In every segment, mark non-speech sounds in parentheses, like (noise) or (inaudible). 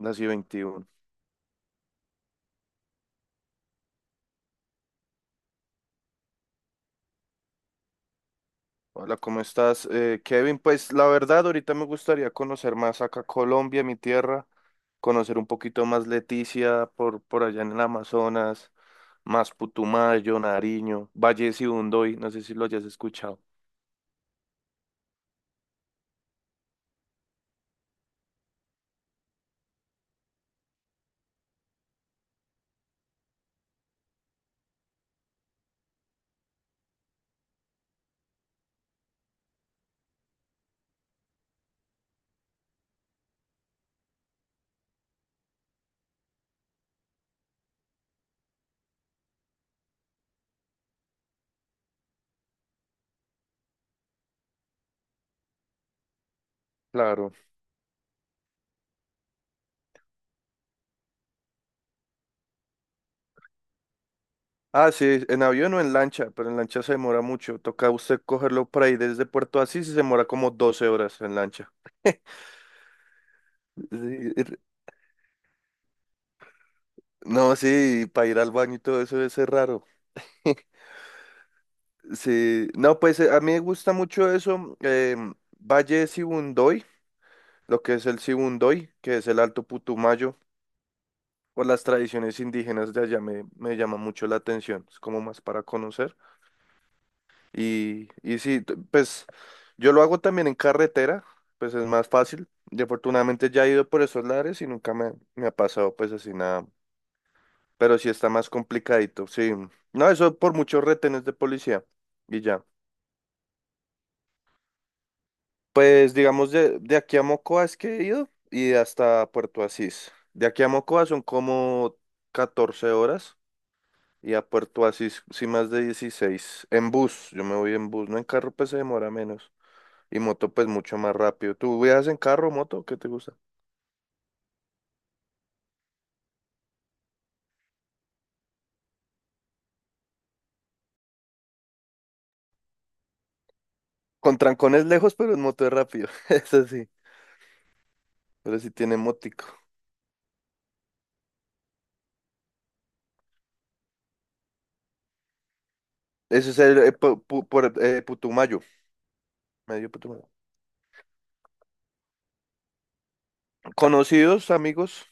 Nací 21. Hola, ¿cómo estás? Kevin, pues la verdad, ahorita me gustaría conocer más acá Colombia, mi tierra, conocer un poquito más Leticia por allá en el Amazonas, más Putumayo, Nariño, Valle de Sibundoy, no sé si lo hayas escuchado. Claro. Ah, sí, en avión o en lancha, pero en lancha se demora mucho. Toca usted cogerlo por ahí desde Puerto Asís y se demora como 12 horas en lancha. Sí, r- no, sí, para ir al baño y todo eso debe ser raro. (laughs) Sí, no, pues a mí me gusta mucho eso, Valle de Sibundoy, lo que es el Sibundoy, que es el Alto Putumayo, o las tradiciones indígenas de allá me llama mucho la atención, es como más para conocer. Y sí, pues yo lo hago también en carretera, pues es más fácil. Y afortunadamente ya he ido por esos lares y nunca me ha pasado pues así nada, pero sí está más complicadito, sí. No, eso por muchos retenes de policía y ya. Pues digamos de aquí a Mocoa es que he ido y hasta Puerto Asís. De aquí a Mocoa son como 14 horas y a Puerto Asís sí más de 16. En bus, yo me voy en bus, no en carro pues se demora menos y moto pues mucho más rápido. ¿Tú viajas en carro o moto? ¿Qué te gusta? Con trancones lejos pero en moto es rápido, (laughs) eso sí, pero sí tiene mótico. Eso es el por, Putumayo, medio Putumayo. Conocidos, amigos.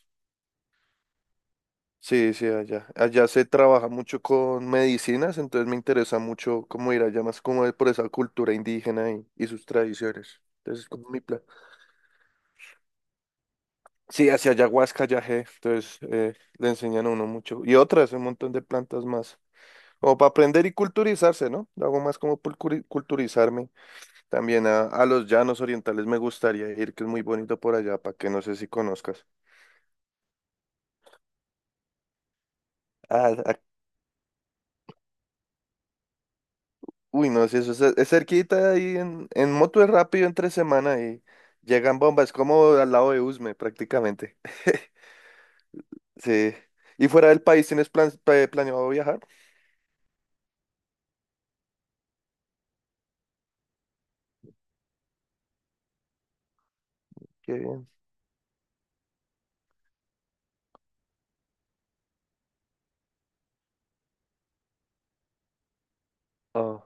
Sí, sí, allá. Allá se trabaja mucho con medicinas, entonces me interesa mucho cómo ir allá, más como por esa cultura indígena y sus tradiciones. Entonces es como mi plan. Sí, hacia ayahuasca, yagé, entonces le enseñan a uno mucho. Y otras, un montón de plantas más. Como para aprender y culturizarse, ¿no? Hago más como por culturizarme. También a los llanos orientales me gustaría ir, que es muy bonito por allá, para que no sé si conozcas. Ah, uy, no, si eso es cerquita ahí en moto es rápido entre semana y llegan bombas, como al lado de Usme prácticamente. (laughs) Sí. ¿Y fuera del país tienes planeado viajar? Qué bien. Oh.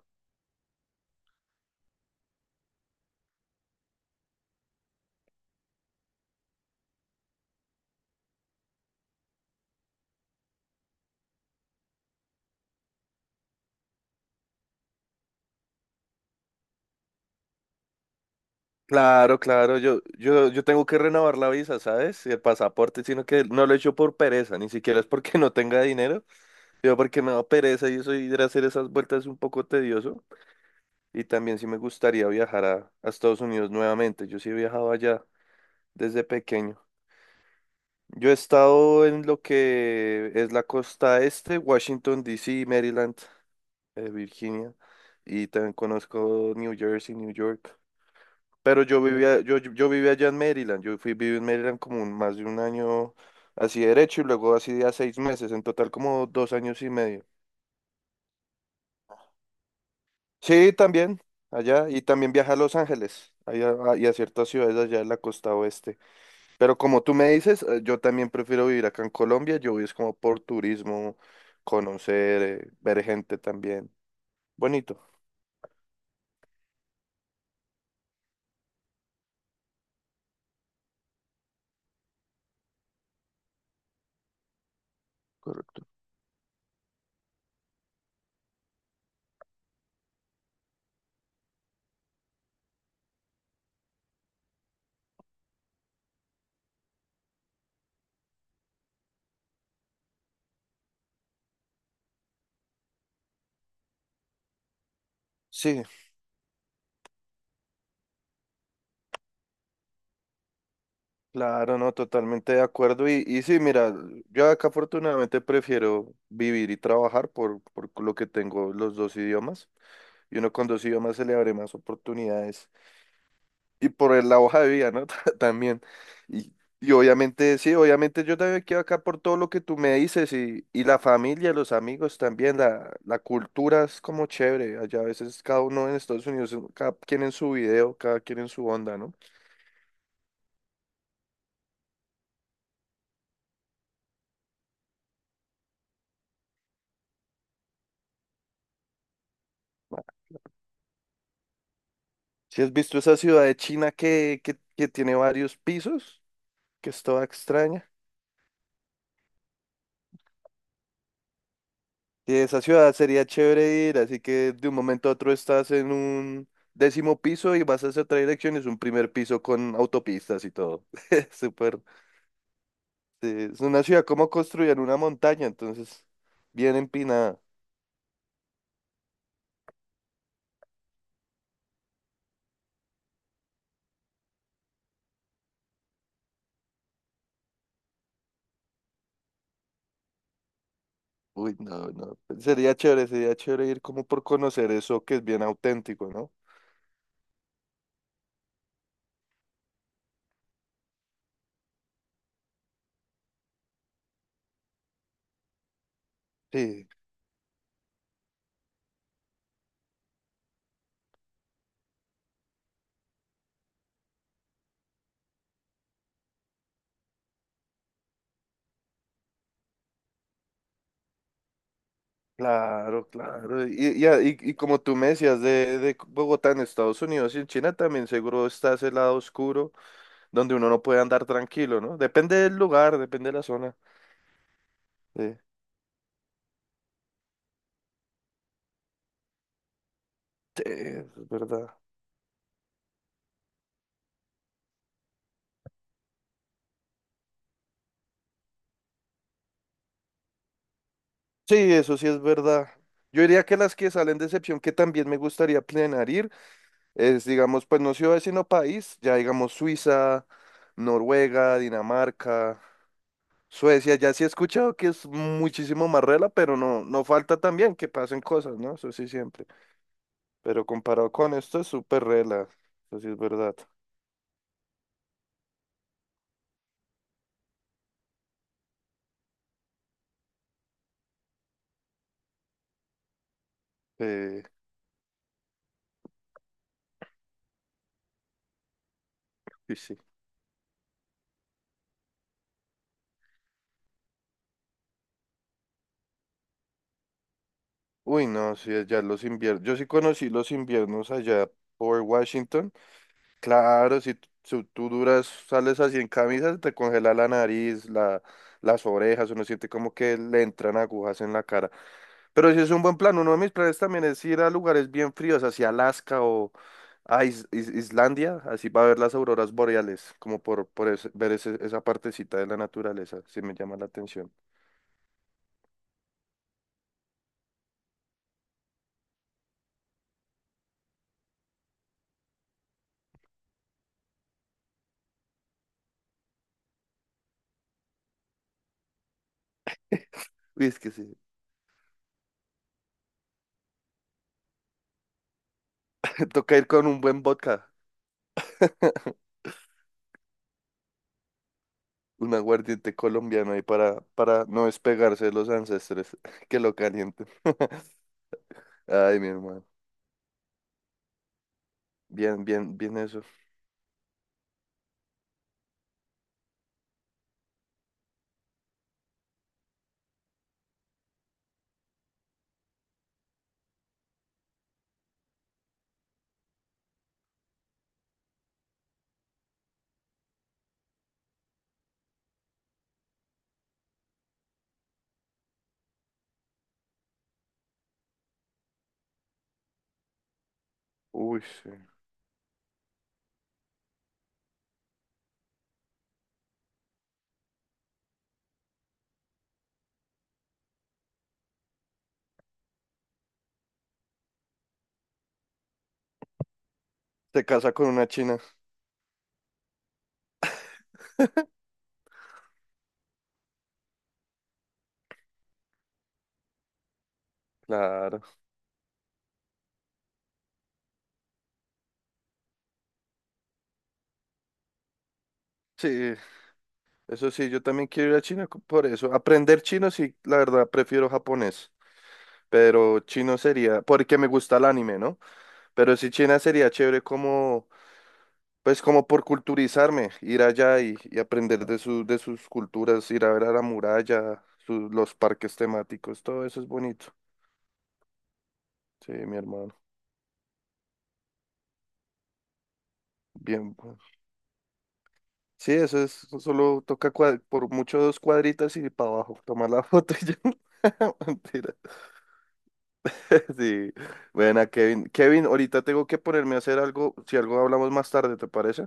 Claro, claro, yo tengo que renovar la visa, ¿sabes? Y el pasaporte, sino que no lo he hecho por pereza, ni siquiera es porque (laughs) no tenga dinero, yo porque me da pereza y eso ir a hacer esas vueltas es un poco tedioso. Y también sí me gustaría viajar a Estados Unidos nuevamente, yo sí he viajado allá desde pequeño. Yo he estado en lo que es la costa este, Washington, D. C., Maryland, Virginia, y también conozco New Jersey, New York. Pero yo vivía, yo, yo yo vivía allá en Maryland, yo viví en Maryland como más de un año así derecho y luego así de a 6 meses, en total como 2 años y medio. Sí, también, allá, y también viajé a Los Ángeles, allá, y a ciertas ciudades allá en la costa oeste. Pero como tú me dices, yo también prefiero vivir acá en Colombia. Yo voy es como por turismo, conocer, ver gente también. Bonito. Correcto. Sí, claro, no, totalmente de acuerdo. Y sí, mira, yo acá afortunadamente prefiero vivir y trabajar por lo que tengo los dos idiomas. Y uno con dos idiomas se le abre más oportunidades. Y por la hoja de vida, ¿no? (laughs) También. Y, y obviamente, sí, obviamente yo también quedo acá por todo lo que tú me dices y la familia, los amigos también, la cultura es como chévere. Allá a veces cada uno en Estados Unidos, cada quien en su video, cada quien en su onda, ¿no? Bueno, si has visto esa ciudad de China que tiene varios pisos, que es toda extraña. Y esa ciudad sería chévere ir, así que de un momento a otro estás en un décimo piso y vas hacia otra dirección, y es un primer piso con autopistas y todo. (laughs) Súper. Sí, es una ciudad como construida en una montaña, entonces bien empinada. Uy, no, no. Sería chévere ir como por conocer eso que es bien auténtico, ¿no? Sí, claro, claro. Y como tú me decías de Bogotá en Estados Unidos y en China también seguro está ese lado oscuro donde uno no puede andar tranquilo, ¿no? Depende del lugar, depende de la zona. Sí, sí, eso es verdad. Sí, eso sí es verdad. Yo diría que las que salen de excepción que también me gustaría planear ir es, digamos, pues no ciudad sino país, ya digamos Suiza, Noruega, Dinamarca, Suecia, ya sí he escuchado que es muchísimo más rela, pero no, no falta también que pasen cosas, ¿no? Eso sí siempre. Pero comparado con esto es súper rela, eso sí es verdad. Eh, sí, uy, no, sí, allá los inviernos. Yo sí conocí los inviernos allá por Washington. Claro, si tú duras, sales así en camisa, te congela la nariz, las orejas, uno siente como que le entran agujas en la cara. Pero sí es un buen plan. Uno de mis planes también es ir a lugares bien fríos, hacia Alaska o a Islandia, así para ver las auroras boreales, como por ver esa partecita de la naturaleza, sí me llama la atención. Uy, es que sí, (laughs) toca ir con un buen vodka. Un aguardiente colombiano ahí para no despegarse de los ancestres. (laughs) Que lo calienten. (laughs) Ay, mi hermano. Bien, bien, bien eso. Uy, sí. Se casa con una china. Claro. Sí, eso sí, yo también quiero ir a China por eso. Aprender chino, sí, la verdad, prefiero japonés. Pero chino sería, porque me gusta el anime, ¿no? Pero sí, China sería chévere como. Pues como por culturizarme, ir allá y aprender de sus culturas, ir a ver a la muralla, los parques temáticos, todo eso es bonito. Sí, mi hermano. Bien, bueno. Sí, eso es, solo toca por mucho dos cuadritas y para abajo, tomar la (laughs) foto y ya. (laughs) Mentira. (laughs) Sí. Bueno, Kevin. Kevin, ahorita tengo que ponerme a hacer algo. Si algo hablamos más tarde, ¿te parece?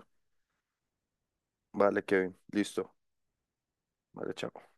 Vale, Kevin. Listo. Vale, chao.